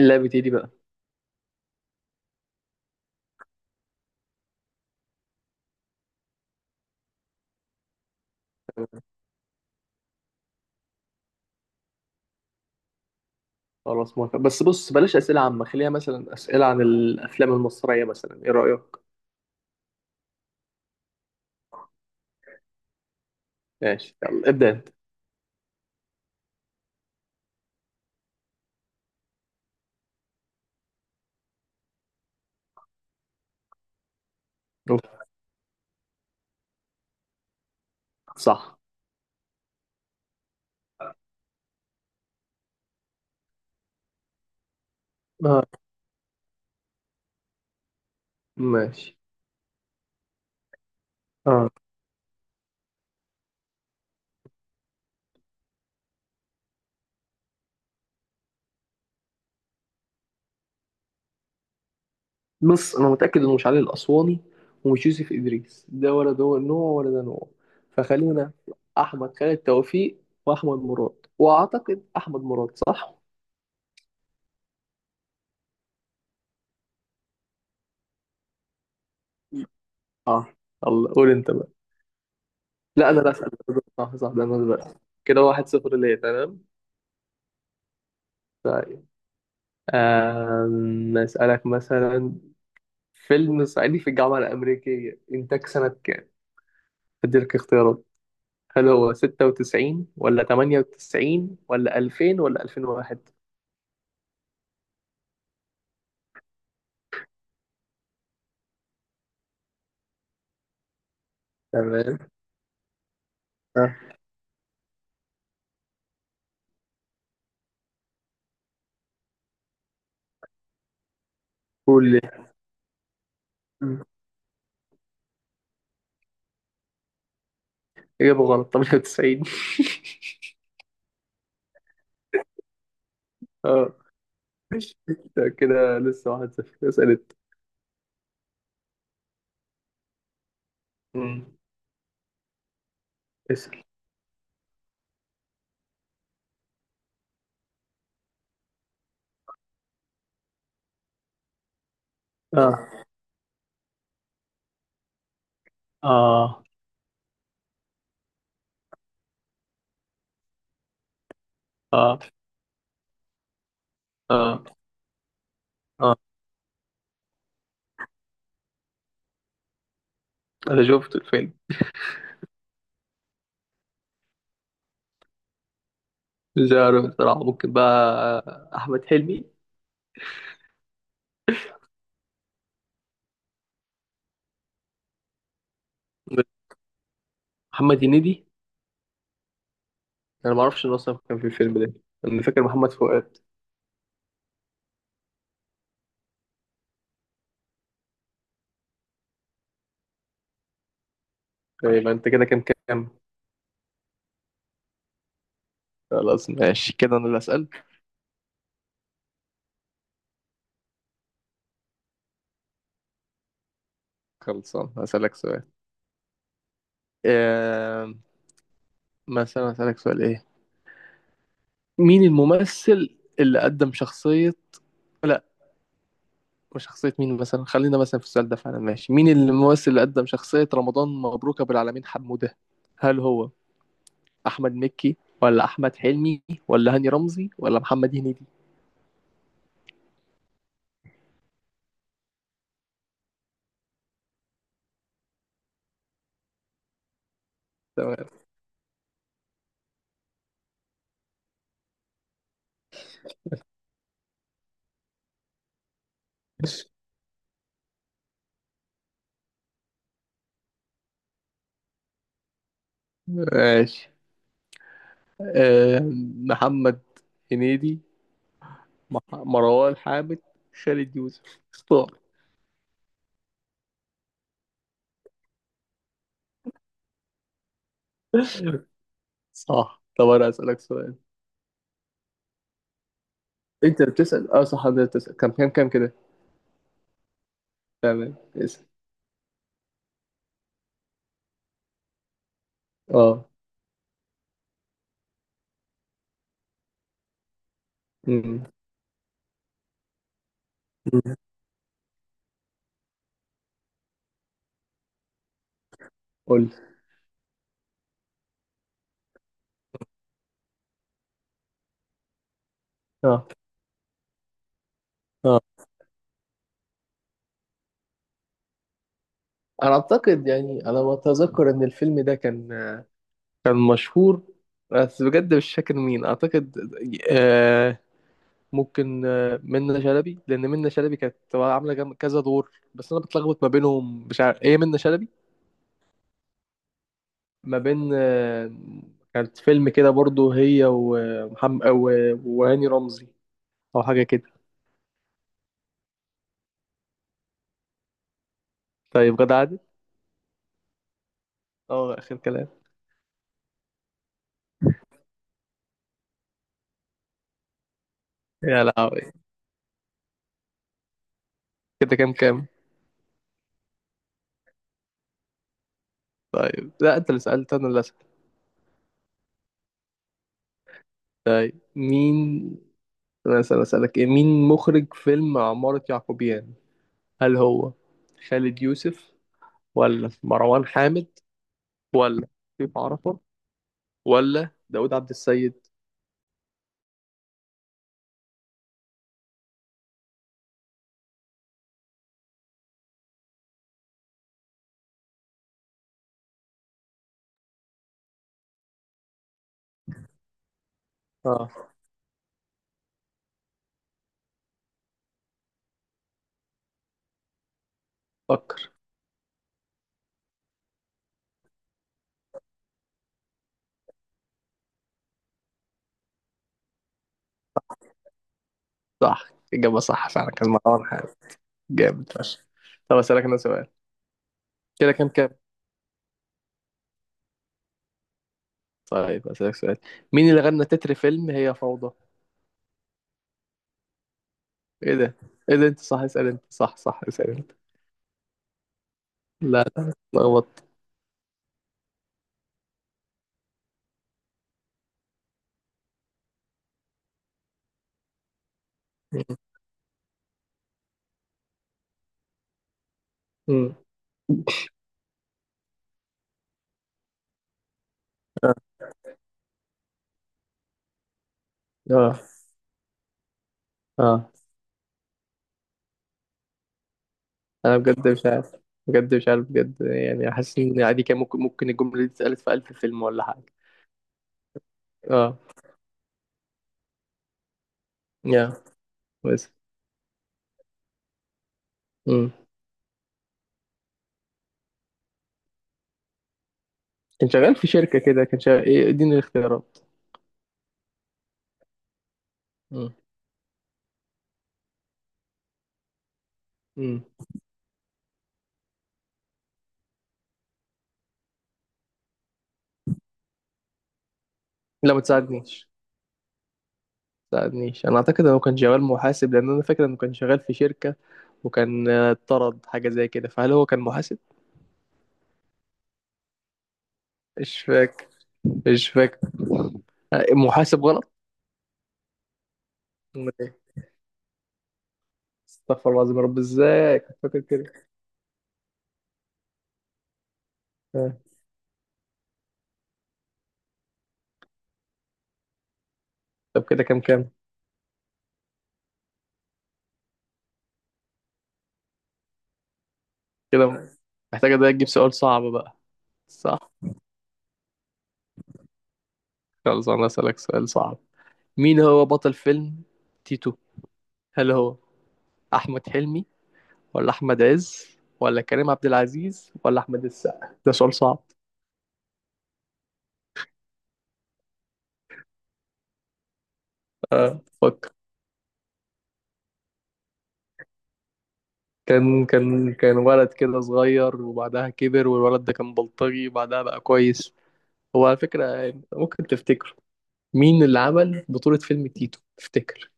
اللعبة ايه دي بقى؟ خلاص موافق، بس بص بلاش أسئلة عامة، خليها مثلا أسئلة عن الأفلام المصرية، مثلا إيه رأيك؟ ماشي يلا ابدأ أنت. صح. آه. ماشي. آه. بص، أنا متأكد إنه مش علي الأسواني ومش يوسف إدريس، ده ولا ده نوع ولا ده نوع. فخلينا في أحمد خالد توفيق وأحمد مراد، وأعتقد أحمد مراد، صح؟ آه. الله، قول أنت بقى. لا، أنا اللي أسأل. صح صح، ده أنا بقى. كده واحد صفر، ليه؟ تمام؟ طيب. أسألك مثلا فيلم صعيدي في الجامعة الأمريكية إنتاج سنة كام؟ أديلك اختيارات. هل هو 96 ولا 98 ولا 2000 ولا 2001؟ تمام. ها، قول لي. مم. إجابة غلط، 98. اه، ده كده لسه واحد صفر اسألت. مم. اسأل. اه اه اه اه اه، انا شفت الفيلم. مش عارف بصراحة، ممكن بقى احمد حلمي. محمد هنيدي؟ انا ما اعرفش ان اصلا كان في الفيلم ده. انا فاكر محمد فؤاد. يبقى انت كده كام كام؟ خلاص ماشي كده، انا اللي اسال. خلصان هسالك سؤال. آم، مثلا هسالك سؤال ايه. مين الممثل اللي قدم شخصية؟ لا، مش شخصية مين، مثلا خلينا مثلا في السؤال ده فعلا ماشي، مين الممثل اللي قدم شخصية رمضان مبروك أبو العالمين حمودة؟ هل هو أحمد مكي، ولا أحمد حلمي، ولا هاني رمزي، ولا محمد هنيدي؟ تمام. ماشي. محمد هنيدي، مروان حامد، خالد يوسف. اختار. صح، طب انا اسالك سؤال. انت بتسال، اه، صح انت بتسال، كم كم كم كده؟ تمام، اسال. اه. أمم. أمم. قول لي. اه. اه. انا اعتقد، يعني انا ما اتذكر ان الفيلم ده كان مشهور، بس بجد مش فاكر مين، اعتقد آه. ممكن منة شلبي، لان منة شلبي كانت عامله كذا دور، بس انا بتلخبط ما بينهم، مش عارف ايه منة شلبي. ما بين كانت فيلم كده برضو هي ومحمد، وهاني رمزي، او حاجه كده. طيب غدا عادل. اه، اخر كلام. يا لهوي. كده كام كام؟ طيب لا، انت اللي سالت، انا اللي اسال. مين؟ انا اسال اسالك ايه مين مخرج فيلم عمارة يعقوبيان؟ هل هو خالد يوسف، ولا مروان حامد، ولا شريف عرفة، ولا داود عبد السيد؟ اه، فكر. صح، اجابه صح، فعلا كان مروان حامد. جامد فشخ. طب اسالك انا سؤال. كده كام كام؟ طيب أسألك سؤال. مين اللي غنى تتر فيلم هي فوضى؟ ايه ده؟ ايه ده انت صح، اسأل انت، صح صح، اسأل انت. لا لا، اتلخبطت. أمم. اه. اه. آه. انا بجد مش عارف. بجد مش عارف، بجد يعني حاسس ان عادي كان ممكن الجملة دي اتسألت في ألف فيلم ولا حاجة. اه، يا بس. أمم. كان شغال في شركة كده، كان شغال ايه؟ اديني الاختيارات. أمم. أمم. لا، ما تساعدنيش. ما تساعدنيش، انا اعتقد انه كان شغال محاسب لان انا فاكر انه كان شغال في شركة، وكان اتطرد حاجة زي كده، فهل هو كان محاسب؟ مش فاكر. مش فاكر. محاسب غلط؟ أمال إيه؟ استغفر الله العظيم، يا رب ازاي كنت فاكر كده. آه. طب كده كام كام؟ كده محتاجة ده تجيب سؤال صعب بقى. صح؟ خلاص أنا أسألك سؤال صعب. مين هو بطل فيلم تيتو؟ هل هو أحمد حلمي، ولا أحمد عز، ولا كريم عبد العزيز، ولا أحمد السقا؟ ده سؤال صعب. آه، فكر. كان ولد كده صغير، وبعدها كبر والولد ده كان بلطجي، وبعدها بقى كويس. هو على فكرة يعني ممكن تفتكر؟ مين اللي عمل بطولة فيلم تيتو تفتكر؟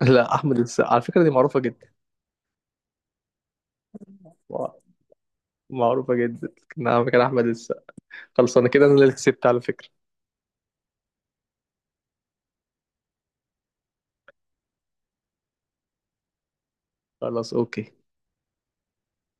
لا، أحمد السقا، على فكرة دي معروفة جدا. معروفة جدا. نعم، كان أحمد السقا. خلاص، أنا كده أنا اللي كسبت على فكرة. خلاص أوكي.